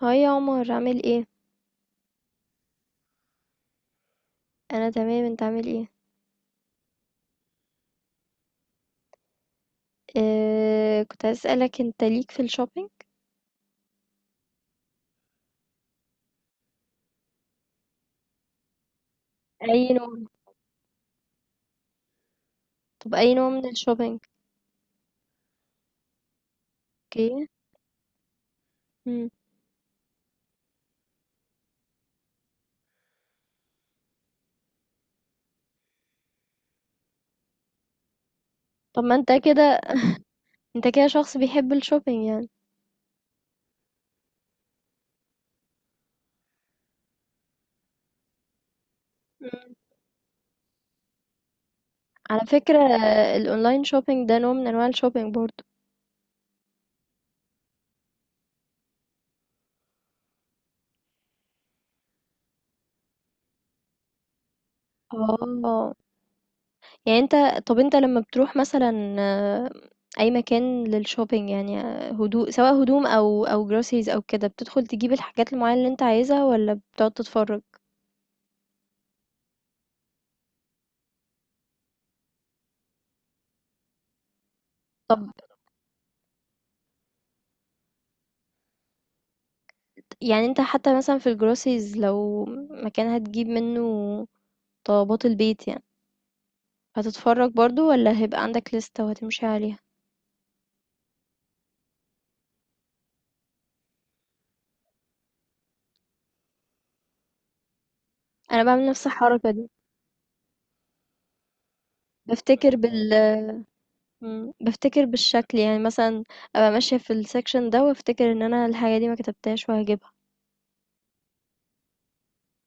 هاي يا عمر، عامل ايه؟ انا تمام، انت عامل ايه؟ كنت عايز اسالك، انت ليك في الشوبينج؟ اي نوع؟ طب اي نوع من الشوبينج؟ اوكي. مم. طب ما انت كده. انت كده شخص بيحب الشوبينج يعني. مم. على فكره، الاونلاين شوبينج ده نوع من انواع الشوبينج برضو. اه، يعني انت، طب انت لما بتروح مثلا اي مكان للشوبينج، يعني هدوء، سواء هدوم او جروسيز او كده، بتدخل تجيب الحاجات المعينه اللي انت عايزها ولا بتقعد تتفرج؟ طب، يعني انت حتى مثلا في الجروسيز، لو مكان هتجيب منه طلبات البيت يعني، هتتفرج برضو ولا هيبقى عندك لستة وهتمشي عليها؟ انا بعمل نفس الحركة دي. بفتكر بال بفتكر بالشكل يعني مثلا، ابقى ماشية في السكشن ده وافتكر ان انا الحاجة دي ما كتبتهاش وهجيبها.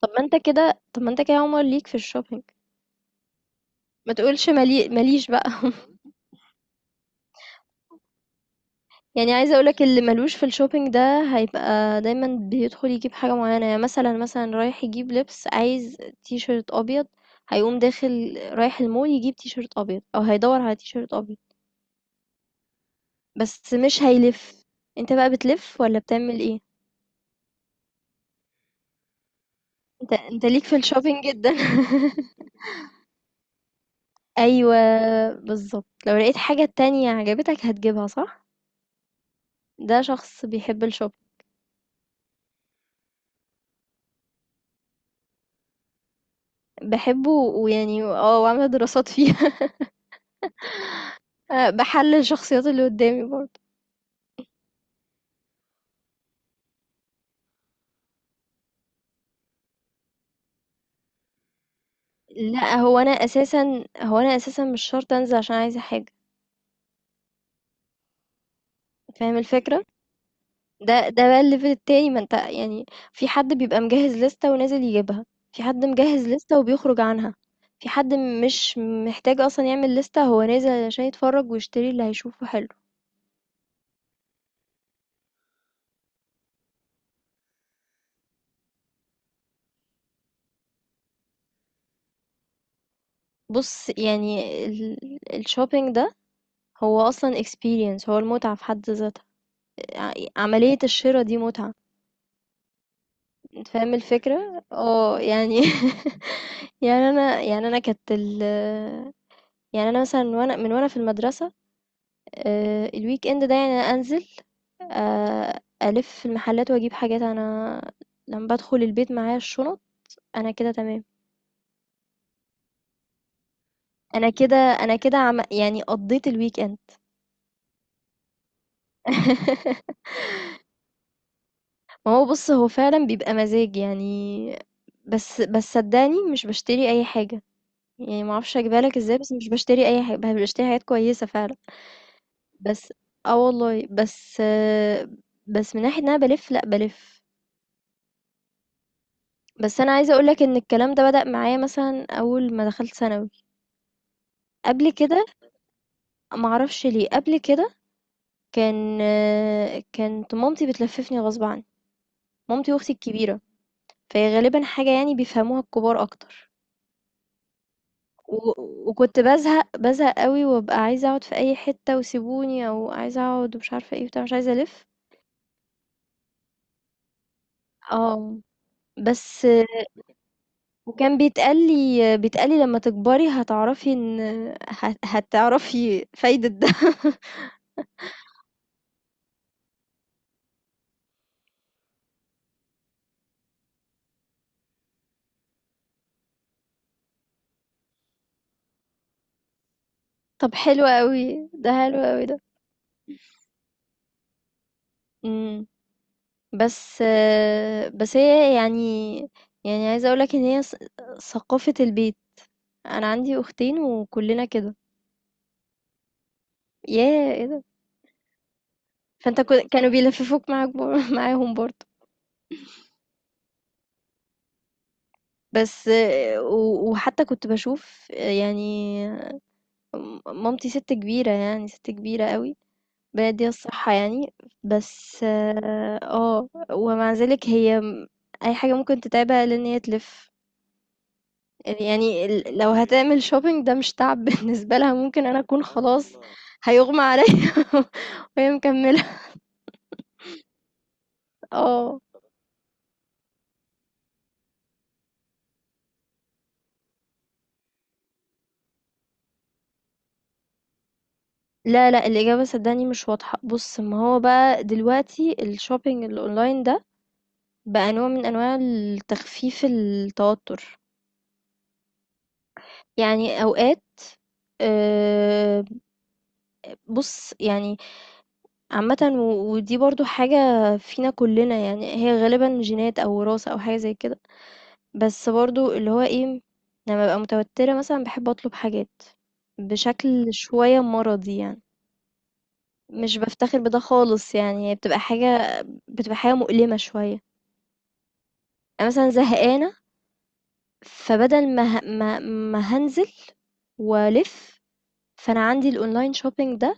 طب ما انت كده يا عمر، ليك في الشوبينج. ما تقولش ماليش بقى. يعني عايزة اقولك، اللي ملوش في الشوبينج ده هيبقى دايما بيدخل يجيب حاجة معينة. يعني مثلا رايح يجيب لبس، عايز تي شيرت ابيض. هيقوم داخل رايح المول يجيب تي شيرت ابيض، او هيدور على تي شيرت ابيض. بس مش هيلف. انت بقى بتلف ولا بتعمل ايه؟ انت ليك في الشوبينج جدا. ايوه، بالظبط، لو لقيت حاجة تانية عجبتك هتجيبها، صح؟ ده شخص بيحب الشوبينج. بحبه، ويعني وعاملة دراسات فيها. بحلل الشخصيات اللي قدامي برضه. لأ، هو أنا أساسًا مش شرط أنزل عشان عايزة حاجة. فاهم الفكرة؟ ده بقى الlevel التاني، ما أنت يعني، في حد بيبقى مجهّز لِستة ونازل يجيبها، في حد مجهّز لِستة وبيخرج عنها، في حد مش محتاج أصلًا يعمل لِستة، هو نازل علشان يتفرّج ويشتري اللي هيشوفه حلو. بُص، يعني ال الshopping ده هو أصلًا experience، هو المتعة في حد ذاتها، عملية الشِرا دي متعة. أنت فاهم الفكرة، اه يعني. يعني انا يعني انا كانت ال يعني انا مثلا، وانا في المدرسة، الويك اند ده يعني أنا انزل، الف في المحلات واجيب حاجات انا. لما بدخل البيت معايا الشنط، انا كده تمام. يعني قضيت الويك اند. ما هو بص، هو فعلا بيبقى مزاج يعني. بس صدقني مش بشتري اي حاجة، يعني ما اعرفش اجيبها لك ازاي، بس مش بشتري اي حاجة، بشتري حاجات كويسة فعلا. بس والله، بس من ناحية إن أنا بالِف، لأ بالِف. بس أنا عايزة أقول لك إن الكلام ده بدأ معايا مثلًا أول ما دخلت ثانوي، قبل كده، ما أعرفش ليه، قبل كده كانت مامتي بتلفِّفني غصب عني، مامتي وأختي الكبيرة، فهي غالبًا حاجة يعني بيفهموها الكبار أكتر. و وكنت بازهق، بازهق أوي، وأبقى عايزة أقعد في أي حتة وسيبوني، أو عايزة أقعد ومش عارفة إيه وبتاع، مش عايزة ألِف. آه، بس وكان بيتقال لي لما تكبري هتعرفي ان هتعرفي فايدة ده. طب حلو قوي ده، حلو قوي ده. امم. بس هي يعني، يعني عايزة اقولك ان هي ثقافة البيت، انا عندي اختين وكلنا كده. ياه، ايه ده! فانت كانوا بيلففوك معاك معاهم برضه؟ بس وحتى كنت بشوف يعني، مامتي ست كبيرة، يعني ست كبيرة قوي، بلاد دي الصحة يعني. بس ومع ذلك هي أي حاجة ممكن تتعبها لأن هي تلف، يعني لو هتعمل شوبينج ده مش تعب. بالنسبة لها، ممكن أنا أكون خلاص هيغمى عليا، وهي مكملة. اه، لا، لا، الإجابة صدقني مش واضحة. بص، ما هو بقى دلوقتي الشوبينج الأونلاين ده بقى نوع من أنواع التخفيف التوتر. يعني أوقات، آه، بص يعني، عامة ودي برضو حاجة فينا كلنا، يعني هي غالبا جينات أو وراثة أو حاجة زي كده. بس برضو، اللي هو ايه، لما ببقى متوترة مثلا بحب أطلب حاجات بشكل شوية مرضي يعني. مش بفتخر بده خالص، يعني هي بتبقى حاجة مؤلمة شوية. أنا مثلا زهقانة، فبدل ما هنزل وألف، فأنا عندي الأونلاين شوبينج ده،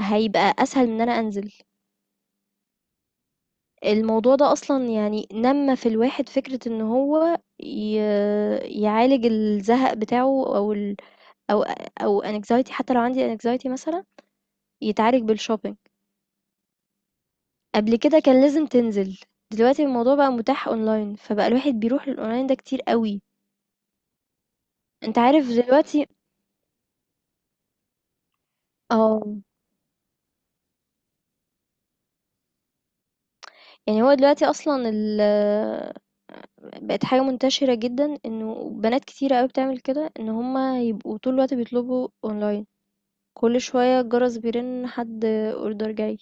هيبقى أسهل من إن أنا أنزل. الموضوع ده أصلًا يعني نمّى في الواحد فكرة إن هو يعالج الزهق بتاعه أو ال أو أو anxiety. حتى لو عندي anxiety مثلًا، يتعالج بالshopping. قبل كده كان لازم تنزل، دلوقتي الموضوع بقى متاح online، فبقى الواحد بيروح للonline ده كتير أوي. أنت عارف دلوقتي. آه. يعني هو دلوقتي أصلًا بقت حاجة منتشرة جدًا إنه بنات كتيرة أوي بتعمل كده، إن هم يبقوا طول الوقت بيطلبوا online. كل شوية الجرس بيرن، حد اوردر جاي.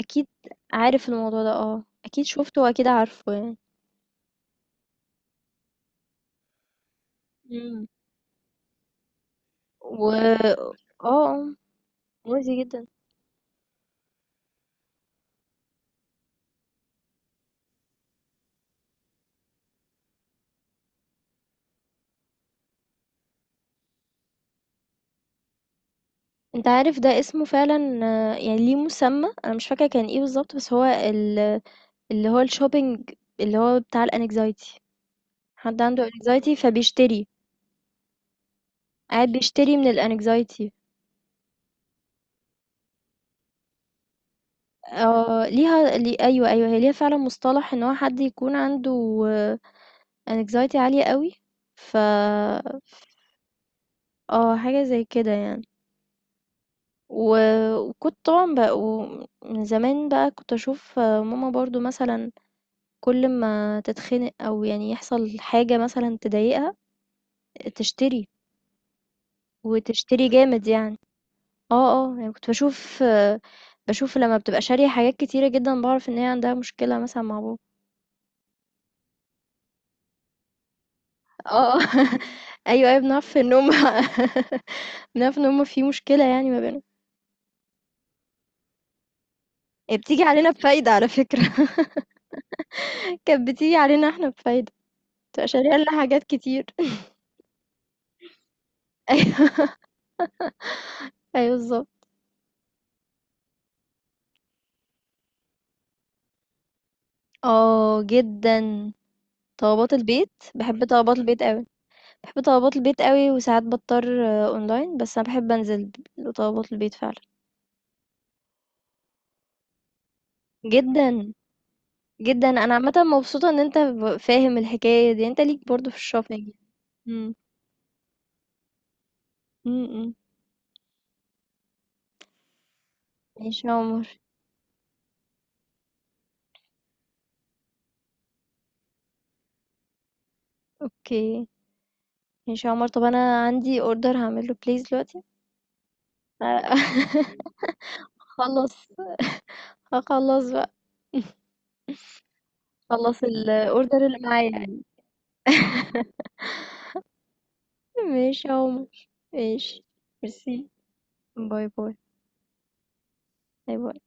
اكيد، عارف الموضوع ده، اكيد شفته واكيد عارفه يعني. مم. و اه آه، مؤذي جدا. انت عارف ده اسمه فعلا، يعني ليه مسمى، انا مش فاكره كان ايه بالظبط، بس هو اللي هو الشوبينج، اللي هو بتاع الانكزايتي. حد عنده انكزايتي فبيشتري، قاعد بيشتري من الانكزايتي. اه، ليها ايوه، ايوه، هي ليها فعلا مصطلح ان هو حد يكون عنده anxiety عالية قوي. ف اه، حاجة زي كده يعني. و... وكنت طبعا بقى، ومن زمان بقى كنت اشوف ماما برضو مثلا، كل ما تتخنق او يعني يحصل حاجة مثلا تضايقها، تشتري، وتشتري جامد يعني. اه. اه، يعني كنت بشوف بشوف لما بتبقى شارية حاجات كتيرة جدا، بعرف ان هي عندها مشكلة مثلا مع بابا. اه. آه. ايوه، ايوه، بنعرف ان هم. بنعرف ان هم في مشكلة يعني ما بينهم. هي بتيجي علينا بفايدة على فكرة. كانت بتيجي علينا احنا بفايدة، بتبقى شارية لنا حاجات كتير. ايوه، ايوه، بالظبط. اه، جدا. طلبات البيت، بحب طلبات البيت قوي. بحب طلبات البيت قوي، وساعات بضطر اونلاين، بس انا بحب انزل لطلبات البيت فعلا. جدا. جدا، انا عامة مبسوطة ان انت فاهم الحكاية دي، انت ليك برضو في الشوبينج. امم امم ماشي يا عمر. اوكي، ماشي يا عمر، طب انا عندي اوردر هعمله بليز دلوقتي. خلّص، خلّص بقى، خلّص الorder اللي معايا يعني. ماشي يا عمر، ماشي. ميرسي، باي، باي، باي، باي.